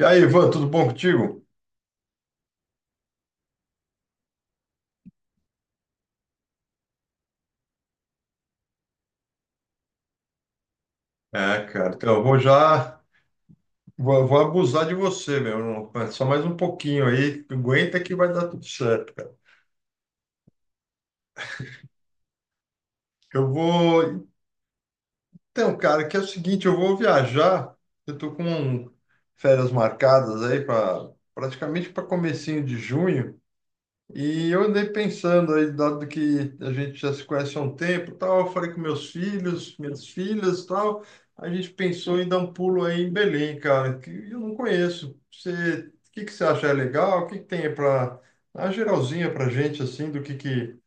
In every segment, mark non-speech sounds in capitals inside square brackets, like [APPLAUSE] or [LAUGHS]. E aí, Ivan, tudo bom contigo? É, cara, então eu vou abusar de você, meu. Só mais um pouquinho aí, aguenta que vai dar tudo certo, cara. Eu vou, então, cara, que é o seguinte, eu vou viajar, eu tô com férias marcadas aí para praticamente para comecinho de junho. E eu andei pensando aí, dado que a gente já se conhece há um tempo, e tal, eu falei com meus filhos, minhas filhas, e tal, a gente pensou em dar um pulo aí em Belém, cara, que eu não conheço. Você, o que que você acha legal? O que que tem para a geralzinha pra gente, assim, do que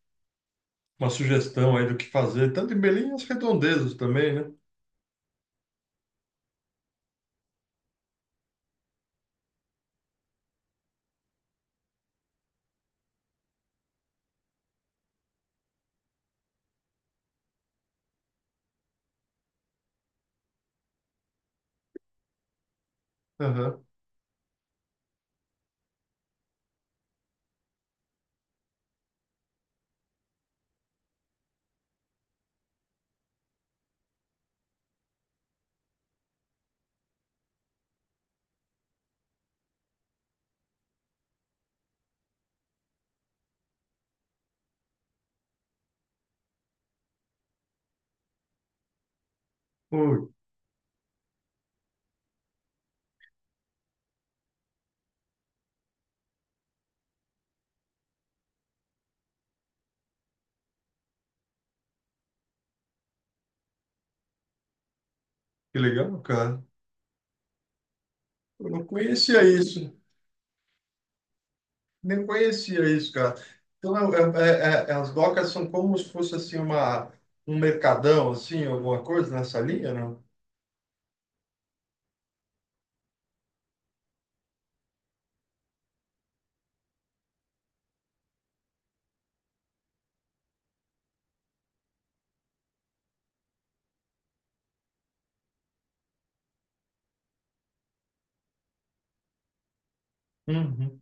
uma sugestão aí do que fazer, tanto em Belém e as redondezas também, né? Aham. Pô, que legal, cara. Eu não conhecia isso. Nem conhecia isso, cara. Então, as docas são como se fosse assim uma um mercadão, assim, alguma coisa nessa linha, não? Uhum.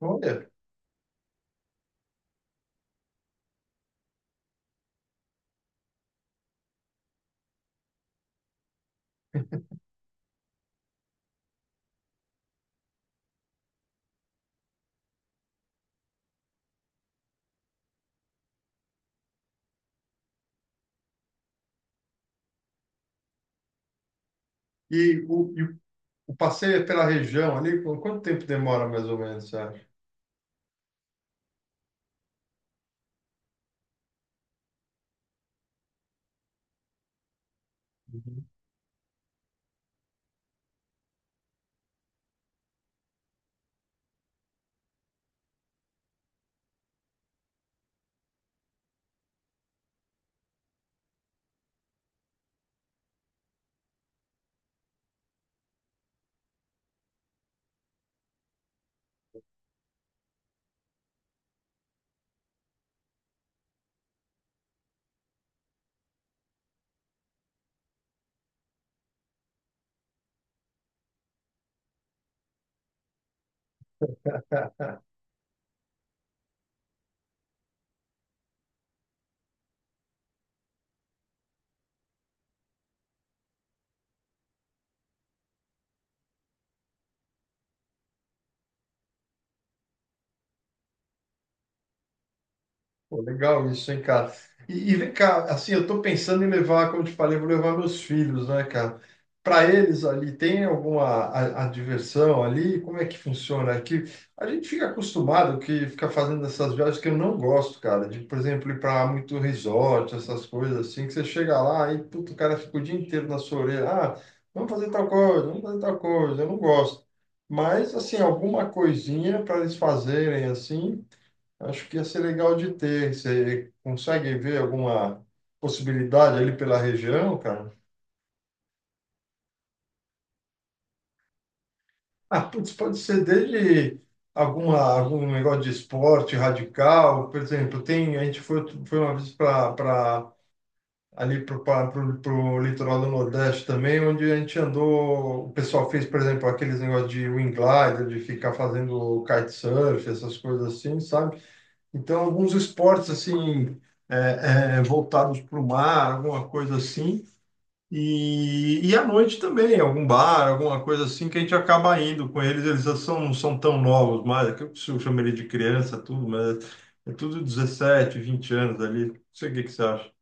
Olha. E o o passeio é pela região ali, quanto tempo demora, mais ou menos? Pô, legal isso, hein, cara? E vem cá, assim, eu tô pensando em levar, como eu te falei, eu vou levar meus filhos, né, cara? Para eles ali, tem alguma a diversão ali? Como é que funciona aqui? A gente fica acostumado que fica fazendo essas viagens que eu não gosto, cara. De, por exemplo, ir para muito resort, essas coisas assim, que você chega lá e, puto, o cara fica o dia inteiro na sua orelha. Ah, vamos fazer tal coisa, vamos fazer tal coisa. Eu não gosto. Mas, assim, alguma coisinha para eles fazerem, assim, acho que ia ser legal de ter. Você consegue ver alguma possibilidade ali pela região, cara? Ah, putz, pode ser desde algum negócio de esporte radical. Por exemplo, tem, a gente foi uma vez para ali para o litoral do Nordeste também, onde a gente andou. O pessoal fez, por exemplo, aqueles negócios de wing glider, de ficar fazendo kitesurf, essas coisas assim, sabe? Então, alguns esportes assim voltados para o mar, alguma coisa assim. E à noite também, algum bar, alguma coisa assim que a gente acaba indo com eles. Eles já são, não são tão novos mais, é que eu chamaria de criança, tudo, mas é tudo 17, 20 anos ali. Não sei o que que você acha.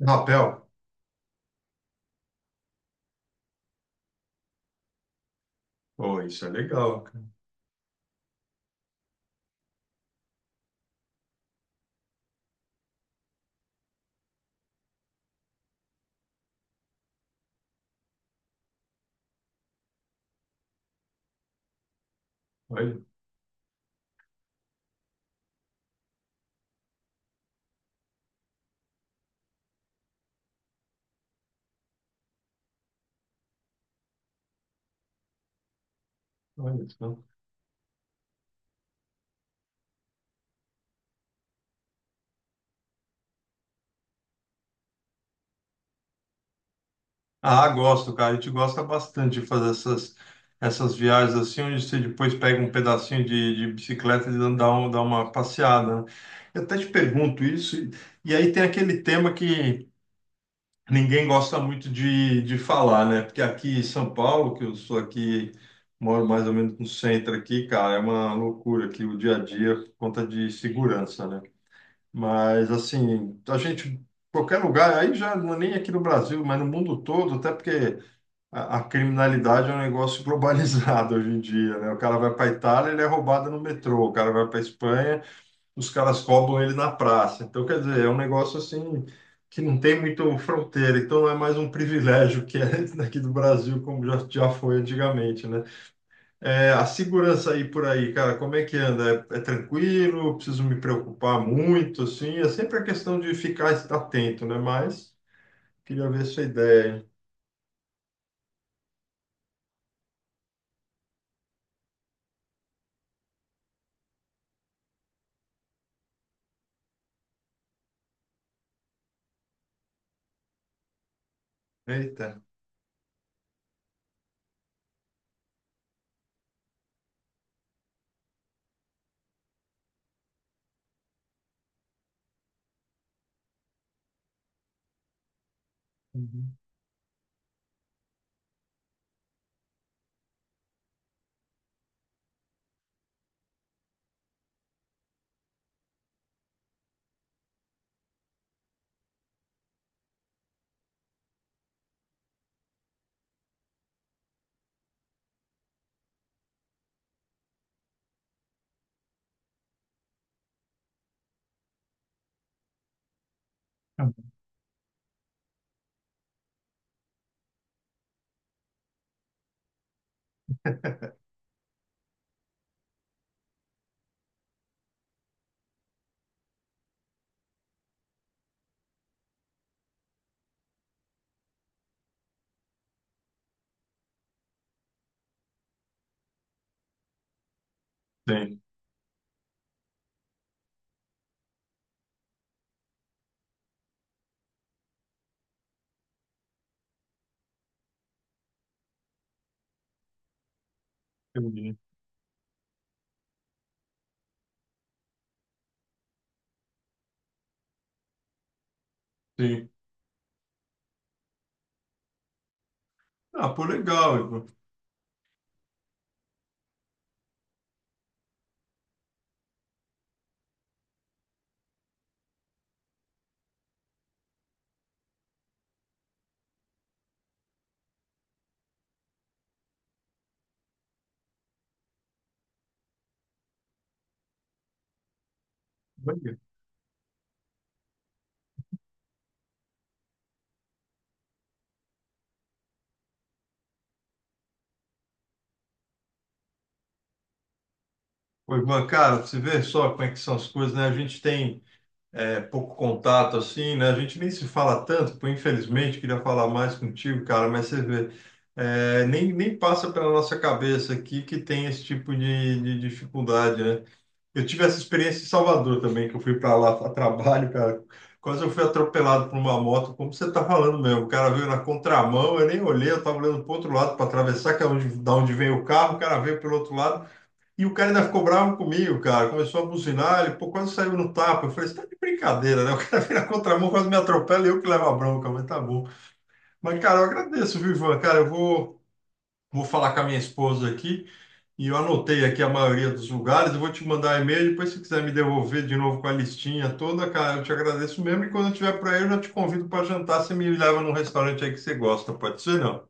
Rapel? Oh, isso é legal, cara. Olha, olha isso. Ah, gosto, cara. A gente gosta bastante de fazer essas viagens assim, onde você depois pega um pedacinho de bicicleta e dá, um, dá uma passeada, né? Eu até te pergunto isso, e aí tem aquele tema que ninguém gosta muito de falar, né? Porque aqui em São Paulo, que eu sou aqui, moro mais ou menos no centro aqui, cara, é uma loucura aqui o dia a dia por conta de segurança, né? Mas assim, a gente, qualquer lugar, aí já não é nem aqui no Brasil, mas no mundo todo, até porque, a criminalidade é um negócio globalizado [LAUGHS] hoje em dia, né? O cara vai para Itália, ele é roubado no metrô. O cara vai para Espanha, os caras roubam ele na praça. Então, quer dizer, é um negócio assim que não tem muito fronteira. Então, não é mais um privilégio que é [LAUGHS] daqui do Brasil, como já, já foi antigamente, né? É, a segurança aí por aí, cara, como é que anda? É, é tranquilo? Preciso me preocupar muito, assim? É sempre a questão de ficar atento, né? Mas queria ver sua ideia, hein? Eita. Uhum. Tem. Entendi. Sim. Ah, pô, legal, Ivan. Olha. Ô, Ivan, cara, você vê só como é que são as coisas, né? A gente tem é, pouco contato, assim, né? A gente nem se fala tanto, pô, infelizmente, queria falar mais contigo, cara, mas você vê, é, nem, nem passa pela nossa cabeça aqui que tem esse tipo de dificuldade, né? Eu tive essa experiência em Salvador também, que eu fui para lá a trabalho, cara. Quase eu fui atropelado por uma moto, como você está falando mesmo. O cara veio na contramão, eu nem olhei, eu estava olhando para o outro lado para atravessar, que é onde, da onde vem o carro, o cara veio pelo outro lado, e o cara ainda ficou bravo comigo, cara. Começou a buzinar, ele pô, quase saiu no tapa. Eu falei, você tá de brincadeira, né? O cara [LAUGHS] veio na contramão, quase me atropela e eu que levo a bronca, mas tá bom. Mas, cara, eu agradeço, viu, Ivan? Cara, eu vou falar com a minha esposa aqui. E eu anotei aqui a maioria dos lugares, eu vou te mandar e-mail, depois se quiser me devolver de novo com a listinha toda, cara, eu te agradeço mesmo. E quando eu tiver para aí, eu já te convido para jantar, você me leva num restaurante aí que você gosta, pode ser, não?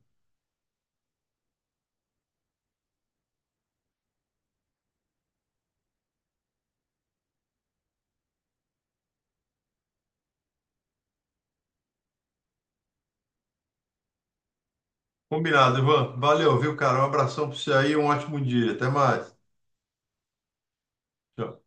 Combinado, Ivan. Valeu, viu, cara? Um abração para você aí, um ótimo dia. Até mais. Tchau.